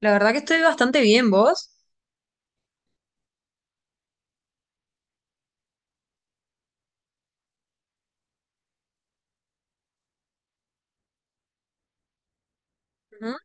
La verdad que estoy bastante bien, vos. Ujú.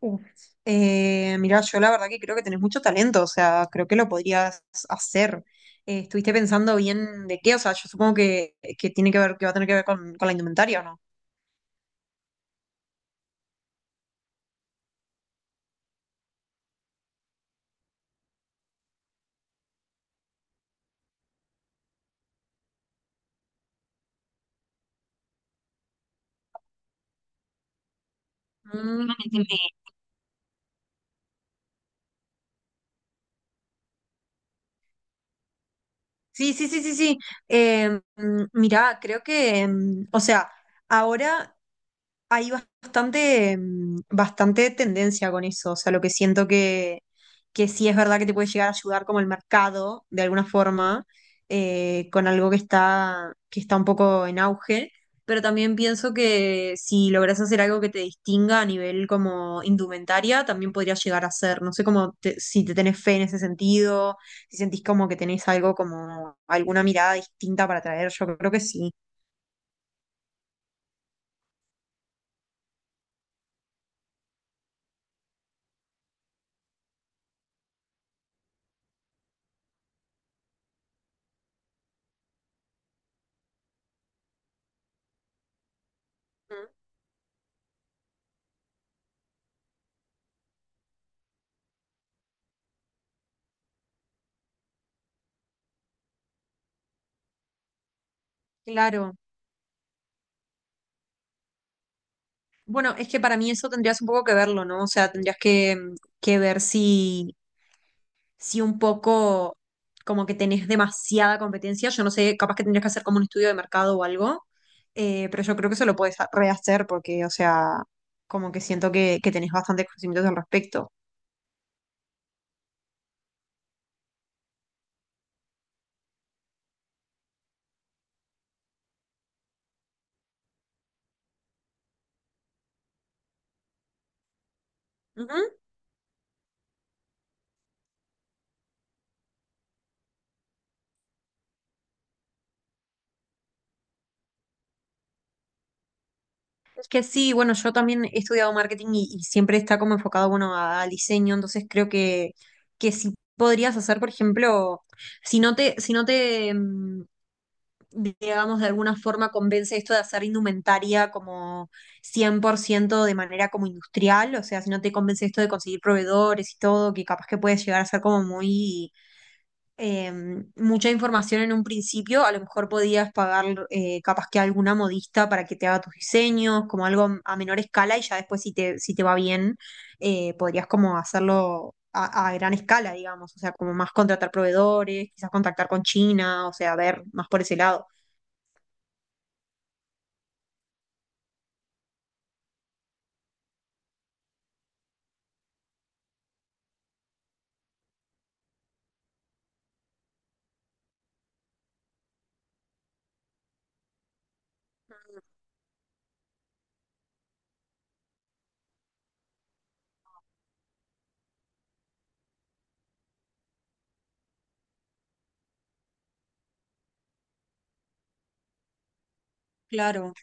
Uf, mirá, yo la verdad que creo que tenés mucho talento, o sea, creo que lo podrías hacer. ¿Estuviste pensando bien de qué? O sea, yo supongo que tiene que ver, que va a tener que ver con la indumentaria, ¿o no? Mm, entendí. Sí, sí, sí, sí, sí. Eh, mirá, creo que, o sea, ahora hay bastante tendencia con eso. O sea, lo que siento que sí es verdad que te puede llegar a ayudar como el mercado, de alguna forma, con algo que está un poco en auge. Pero también pienso que si logras hacer algo que te distinga a nivel como indumentaria, también podrías llegar a ser. No sé cómo te- si te tenés fe en ese sentido, si sentís como que tenés algo como alguna mirada distinta para traer. Yo creo que sí. Mm. Claro. Bueno, es que para mí eso tendrías un poco que verlo, ¿no? O sea, tendrías que ver si un poco como que tenés demasiada competencia. Yo no sé, capaz que tendrías que hacer como un estudio de mercado o algo, pero yo creo que eso lo puedes rehacer porque, o sea, como que siento que tenés bastantes conocimientos al respecto. Ujú. Es que sí, bueno, yo también he estudiado marketing y siempre está como enfocado, bueno, al diseño, entonces creo que sí podrías hacer, por ejemplo, si no te digamos, de alguna forma convence esto de hacer indumentaria como 100% de manera como industrial, o sea, si no te convence esto de conseguir proveedores y todo, que capaz que puedes llegar a ser como muy, eh, mucha información en un principio, a lo mejor podías pagar capaz que a alguna modista para que te haga tus diseños, como algo a menor escala y ya después si te va bien, podrías como hacerlo. A gran escala, digamos, o sea, como más contratar proveedores, quizás contactar con China, o sea, ver más por ese lado. Claro,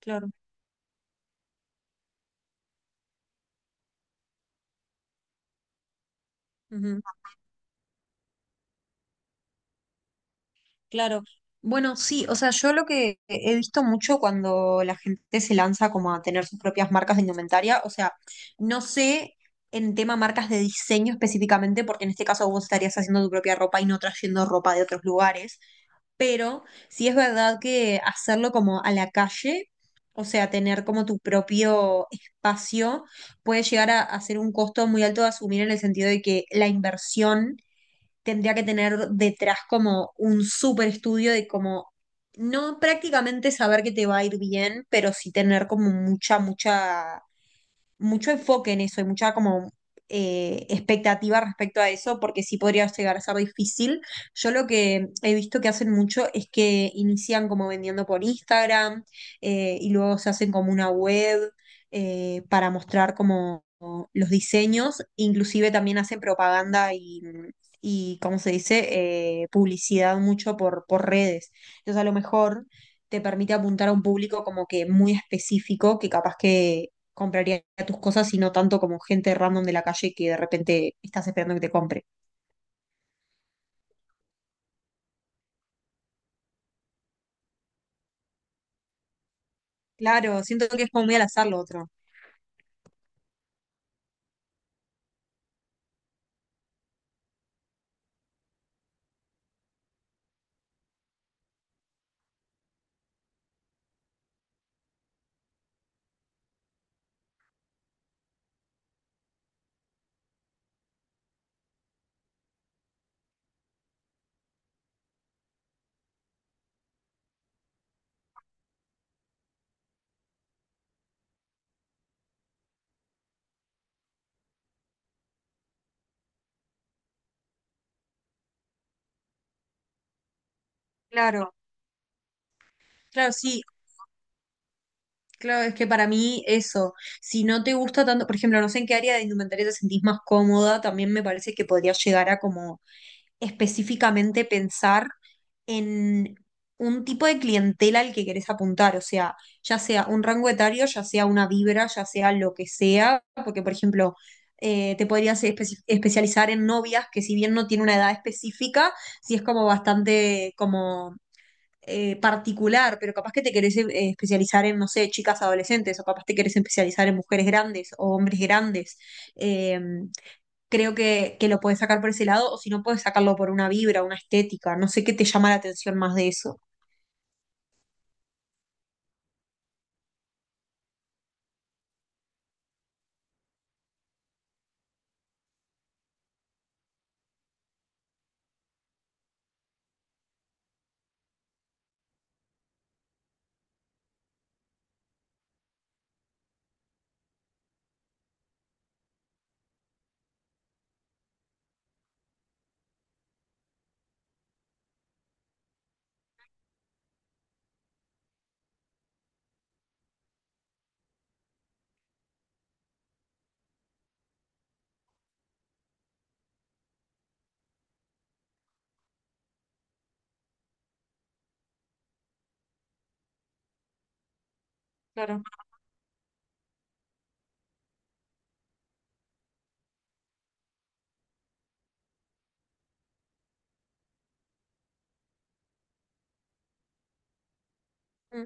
claro, ujú, claro. Bueno, sí, o sea, yo lo que he visto mucho cuando la gente se lanza como a tener sus propias marcas de indumentaria, o sea, no sé en tema marcas de diseño específicamente, porque en este caso vos estarías haciendo tu propia ropa y no trayendo ropa de otros lugares, pero sí es verdad que hacerlo como a la calle, o sea, tener como tu propio espacio, puede llegar a ser un costo muy alto de asumir en el sentido de que la inversión tendría que tener detrás como un súper estudio de como, no prácticamente saber que te va a ir bien, pero sí tener como mucha, mucha mucho enfoque en eso y mucha como expectativa respecto a eso, porque sí podría llegar a ser difícil. Yo lo que he visto que hacen mucho es que inician como vendiendo por Instagram, y luego se hacen como una web para mostrar como los diseños, inclusive también hacen propaganda y... Y, ¿cómo se dice? Publicidad mucho por redes. Entonces, a lo mejor te permite apuntar a un público como que muy específico, que capaz que compraría tus cosas y no tanto como gente random de la calle que de repente estás esperando que te compre. Claro, siento que es como muy al azar lo otro. Claro, claro, sí, claro, es que para mí eso, si no te gusta tanto, por ejemplo, no sé en qué área de indumentaria te sentís más cómoda, también me parece que podría llegar a como específicamente pensar en un tipo de clientela al que querés apuntar, o sea, ya sea un rango etario, ya sea una vibra, ya sea lo que sea, porque por ejemplo, te podrías especializar en novias que si bien no tiene una edad específica, sí es como bastante como particular, pero capaz que te querés especializar en, no sé, chicas adolescentes, o capaz te querés especializar en mujeres grandes o hombres grandes. Eh, creo que lo puedes sacar por ese lado, o si no, puedes sacarlo por una vibra, una estética. No sé qué te llama la atención más de eso. Claro. Mm.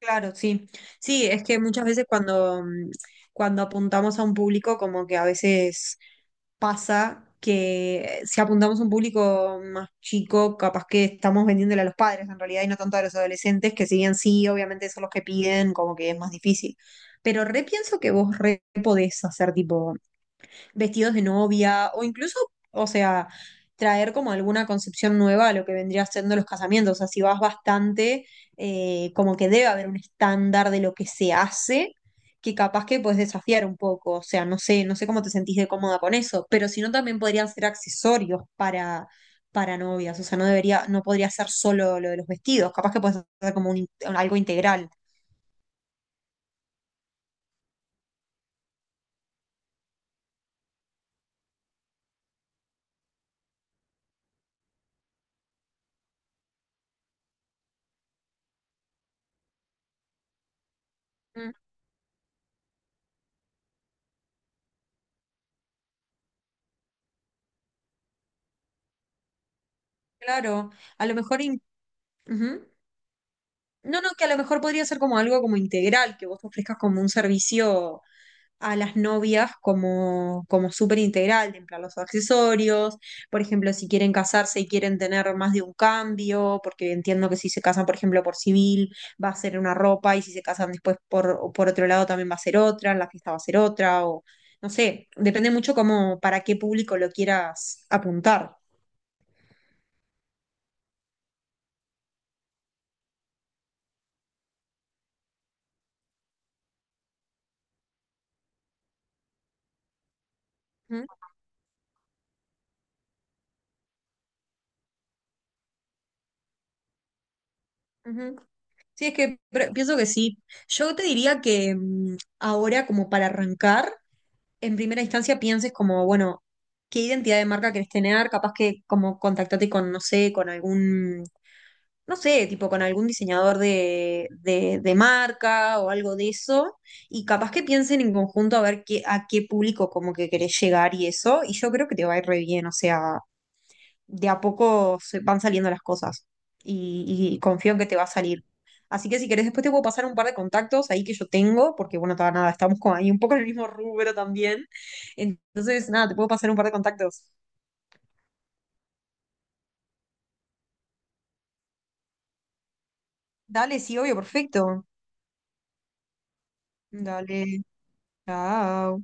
Claro, sí. Sí, es que muchas veces cuando, cuando apuntamos a un público, como que a veces pasa que si apuntamos a un público más chico, capaz que estamos vendiéndole a los padres en realidad y no tanto a los adolescentes, que si bien sí, obviamente son los que piden, como que es más difícil. Pero re pienso que vos re podés hacer tipo vestidos de novia o incluso, o sea, traer como alguna concepción nueva a lo que vendría siendo los casamientos. O sea, si vas bastante, como que debe haber un estándar de lo que se hace, que capaz que puedes desafiar un poco. O sea, no sé, no sé cómo te sentís de cómoda con eso, pero si no, también podrían ser accesorios para novias. O sea, no debería, no podría ser solo lo de los vestidos. Capaz que puedes hacer como un algo integral. Mm. Claro, a lo mejor... ujú. No, no, que a lo mejor podría ser como algo como integral, que vos ofrezcas como un servicio a las novias como, como súper integral, de en plan los accesorios, por ejemplo, si quieren casarse y quieren tener más de un cambio, porque entiendo que si se casan, por ejemplo, por civil, va a ser una ropa, y si se casan después por, o por otro lado también va a ser otra, en la fiesta va a ser otra, o no sé, depende mucho como para qué público lo quieras apuntar. ¿Mm? Ujú. Sí, es que pienso que sí. Yo te diría que ahora, como para arrancar, en primera instancia pienses como, bueno, qué identidad de marca querés tener, capaz que como contactate con, no sé, con algún, no sé, tipo con algún diseñador de marca o algo de eso, y capaz que piensen en conjunto a ver qué, a qué público como que querés llegar y eso, y yo creo que te va a ir re bien, o sea, de a poco se van saliendo las cosas y, y confío en que te va a salir. Así que si querés, después te puedo pasar un par de contactos ahí que yo tengo, porque bueno, nada, estamos como ahí un poco en el mismo rubro también. Entonces, nada, te puedo pasar un par de contactos. Dale, sí, obvio, perfecto. Dale, chao.